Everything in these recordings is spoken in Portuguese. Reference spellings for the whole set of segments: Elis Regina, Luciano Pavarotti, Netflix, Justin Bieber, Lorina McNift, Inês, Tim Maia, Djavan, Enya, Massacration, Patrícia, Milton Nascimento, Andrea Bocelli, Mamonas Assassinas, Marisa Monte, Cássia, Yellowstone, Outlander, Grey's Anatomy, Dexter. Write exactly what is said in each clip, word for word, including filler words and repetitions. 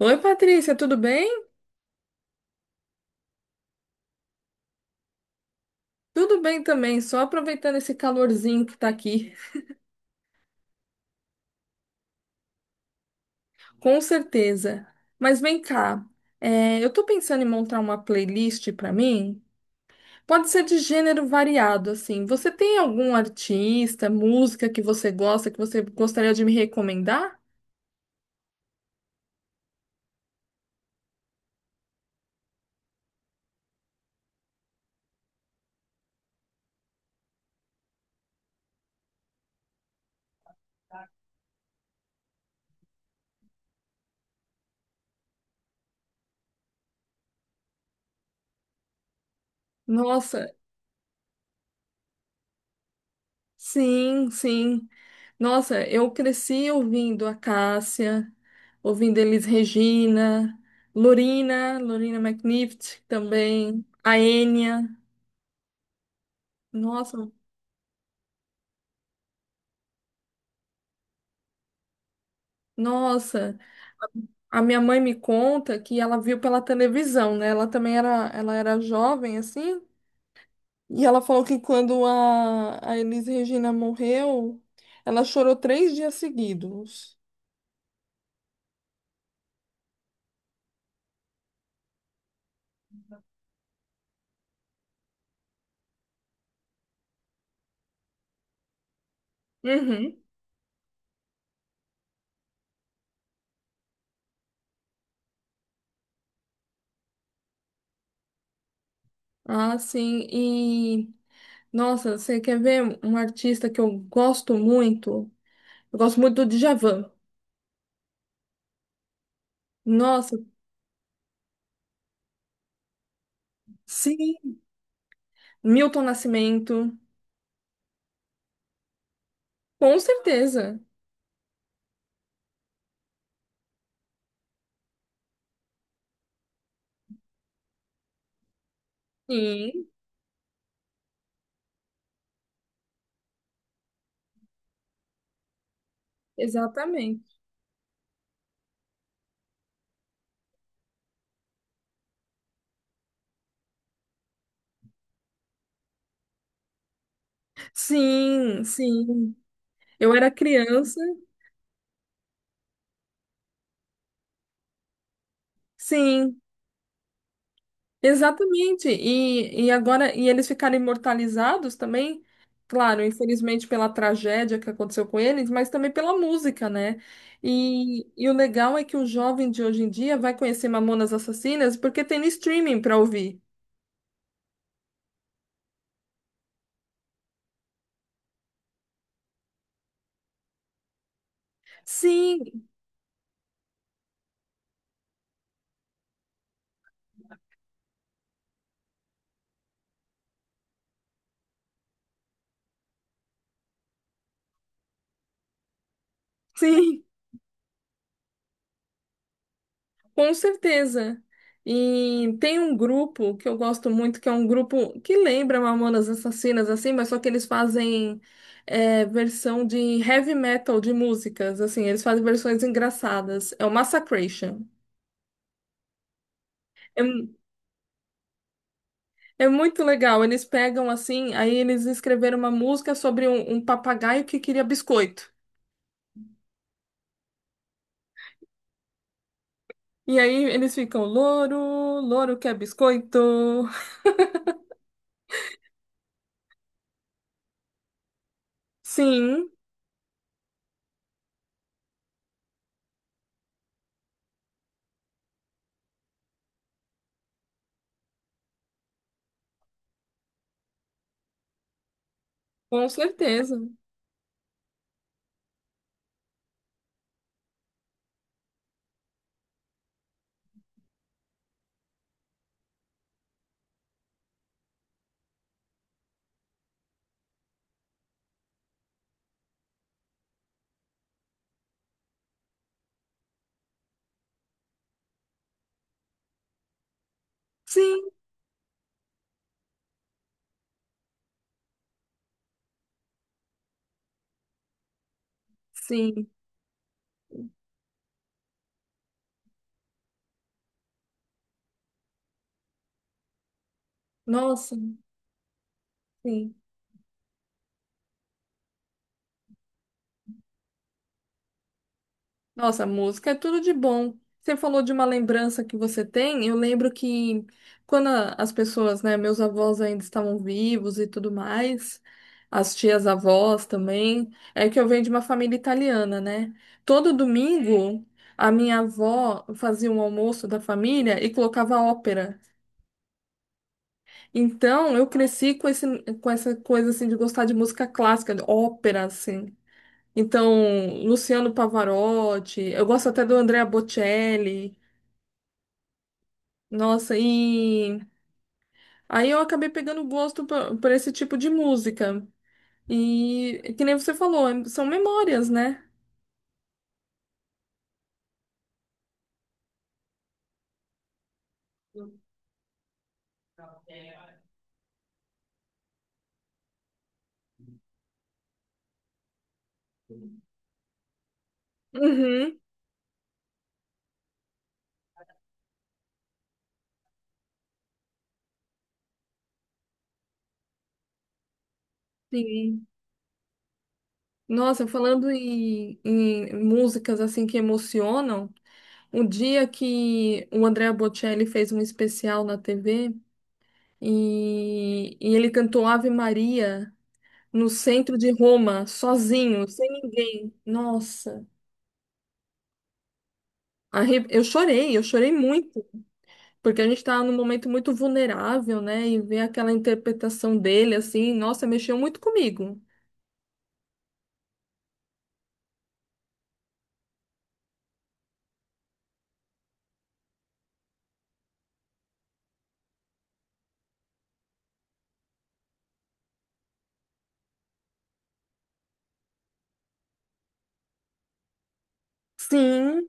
Oi, Patrícia, tudo bem? Tudo bem também, só aproveitando esse calorzinho que tá aqui, com certeza. Mas vem cá, é, eu tô pensando em montar uma playlist pra mim. Pode ser de gênero variado, assim. Você tem algum artista, música que você gosta, que você gostaria de me recomendar? Nossa. Sim, sim. Nossa, eu cresci ouvindo a Cássia, ouvindo Elis Regina, Lorina, Lorina McNift também, a Enya. Nossa, nossa. A minha mãe me conta que ela viu pela televisão, né? Ela também era, ela era jovem, assim, e ela falou que quando a, a Elis Regina morreu, ela chorou três dias seguidos. Uhum. Ah, sim. Nossa, você quer ver um artista que eu gosto muito? Eu gosto muito do Djavan. Nossa. Sim, Milton Nascimento, com certeza. Sim, exatamente. Sim, sim. Eu era criança, sim. Exatamente. E, e agora, e eles ficaram imortalizados também, claro, infelizmente pela tragédia que aconteceu com eles, mas também pela música, né? E, e o legal é que o jovem de hoje em dia vai conhecer Mamonas Assassinas porque tem no streaming para ouvir. Sim, sim. Com certeza. E tem um grupo que eu gosto muito, que é um grupo que lembra Mamonas Assassinas, assim, mas só que eles fazem é, versão de heavy metal de músicas, assim, eles fazem versões engraçadas. É o Massacration. É, mu- é muito legal. Eles pegam assim, aí eles escreveram uma música sobre um, um papagaio que queria biscoito. E aí eles ficam, louro, louro quer biscoito. Sim, com certeza. Sim, sim. Nossa. Sim. Nossa, música é tudo de bom. Você falou de uma lembrança que você tem. Eu lembro que quando a- as pessoas, né, meus avós ainda estavam vivos e tudo mais, as tias avós também, é que eu venho de uma família italiana, né? Todo domingo a minha avó fazia um almoço da família e colocava ópera. Então eu cresci com esse, com essa coisa assim de gostar de música clássica, de ópera assim. Então, Luciano Pavarotti, eu gosto até do Andrea Bocelli. Nossa, e aí eu acabei pegando gosto por, por esse tipo de música. E que nem você falou, é- são memórias, né? Uhum, sim. Nossa, falando em, em músicas assim que emocionam, um dia que o Andrea Bocelli fez um especial na T V e, e ele cantou Ave Maria no centro de Roma, sozinho, sem ninguém. Nossa, arre- eu chorei, eu chorei muito, porque a gente estava num momento muito vulnerável, né? E ver aquela interpretação dele, assim, nossa, mexeu muito comigo. Sim,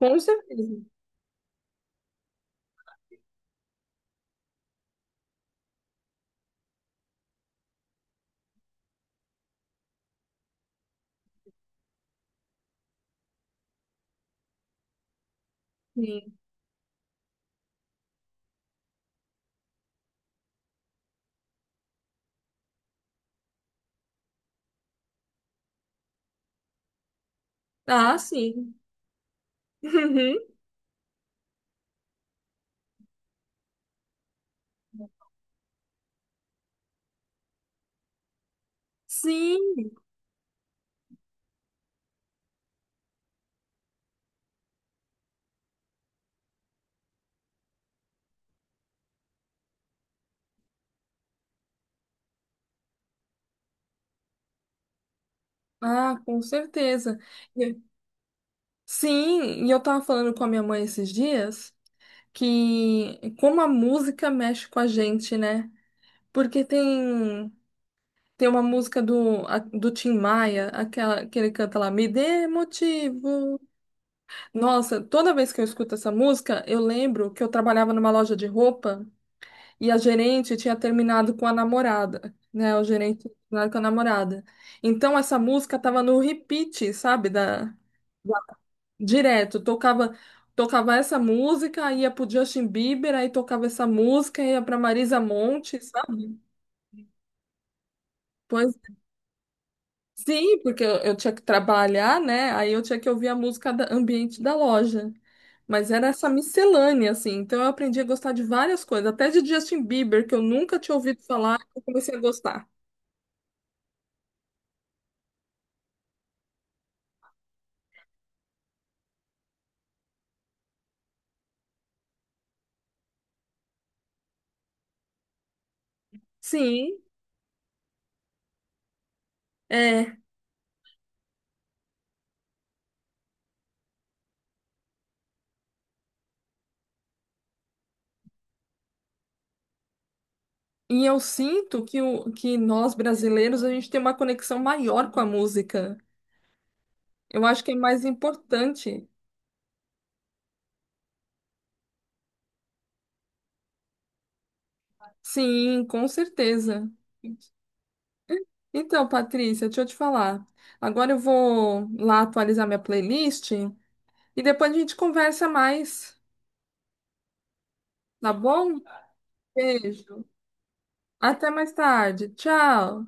com certeza. Sim. Ah, sim. Uhum. Sim. Ah, com certeza. E- Sim, e eu tava falando com a minha mãe esses dias que como a música mexe com a gente, né? Porque tem Tem uma música do, a- do Tim Maia, aquela que ele canta lá, Me Dê Motivo. Nossa, toda vez que eu escuto essa música, eu lembro que eu trabalhava numa loja de roupa e a gerente tinha terminado com a namorada, né? O gerente tinha terminado com a namorada. Então essa música tava no repeat, sabe? Da, direto, tocava tocava essa música, ia pro Justin Bieber, aí tocava essa música, ia pra Marisa Monte, sabe? Sim, porque eu, eu tinha que trabalhar, né? Aí eu tinha que ouvir a música da- ambiente da loja. Mas era essa miscelânea, assim. Então eu aprendi a gostar de várias coisas, até de Justin Bieber, que eu nunca tinha ouvido falar, eu comecei a gostar. Sim, é. E eu sinto que, o, que nós brasileiros, a gente tem uma conexão maior com a música. Eu acho que é mais importante. Sim, com certeza. Então, Patrícia, deixa eu te falar. Agora eu vou lá atualizar minha playlist. E depois a gente conversa mais, tá bom? Beijo. Até mais tarde. Tchau.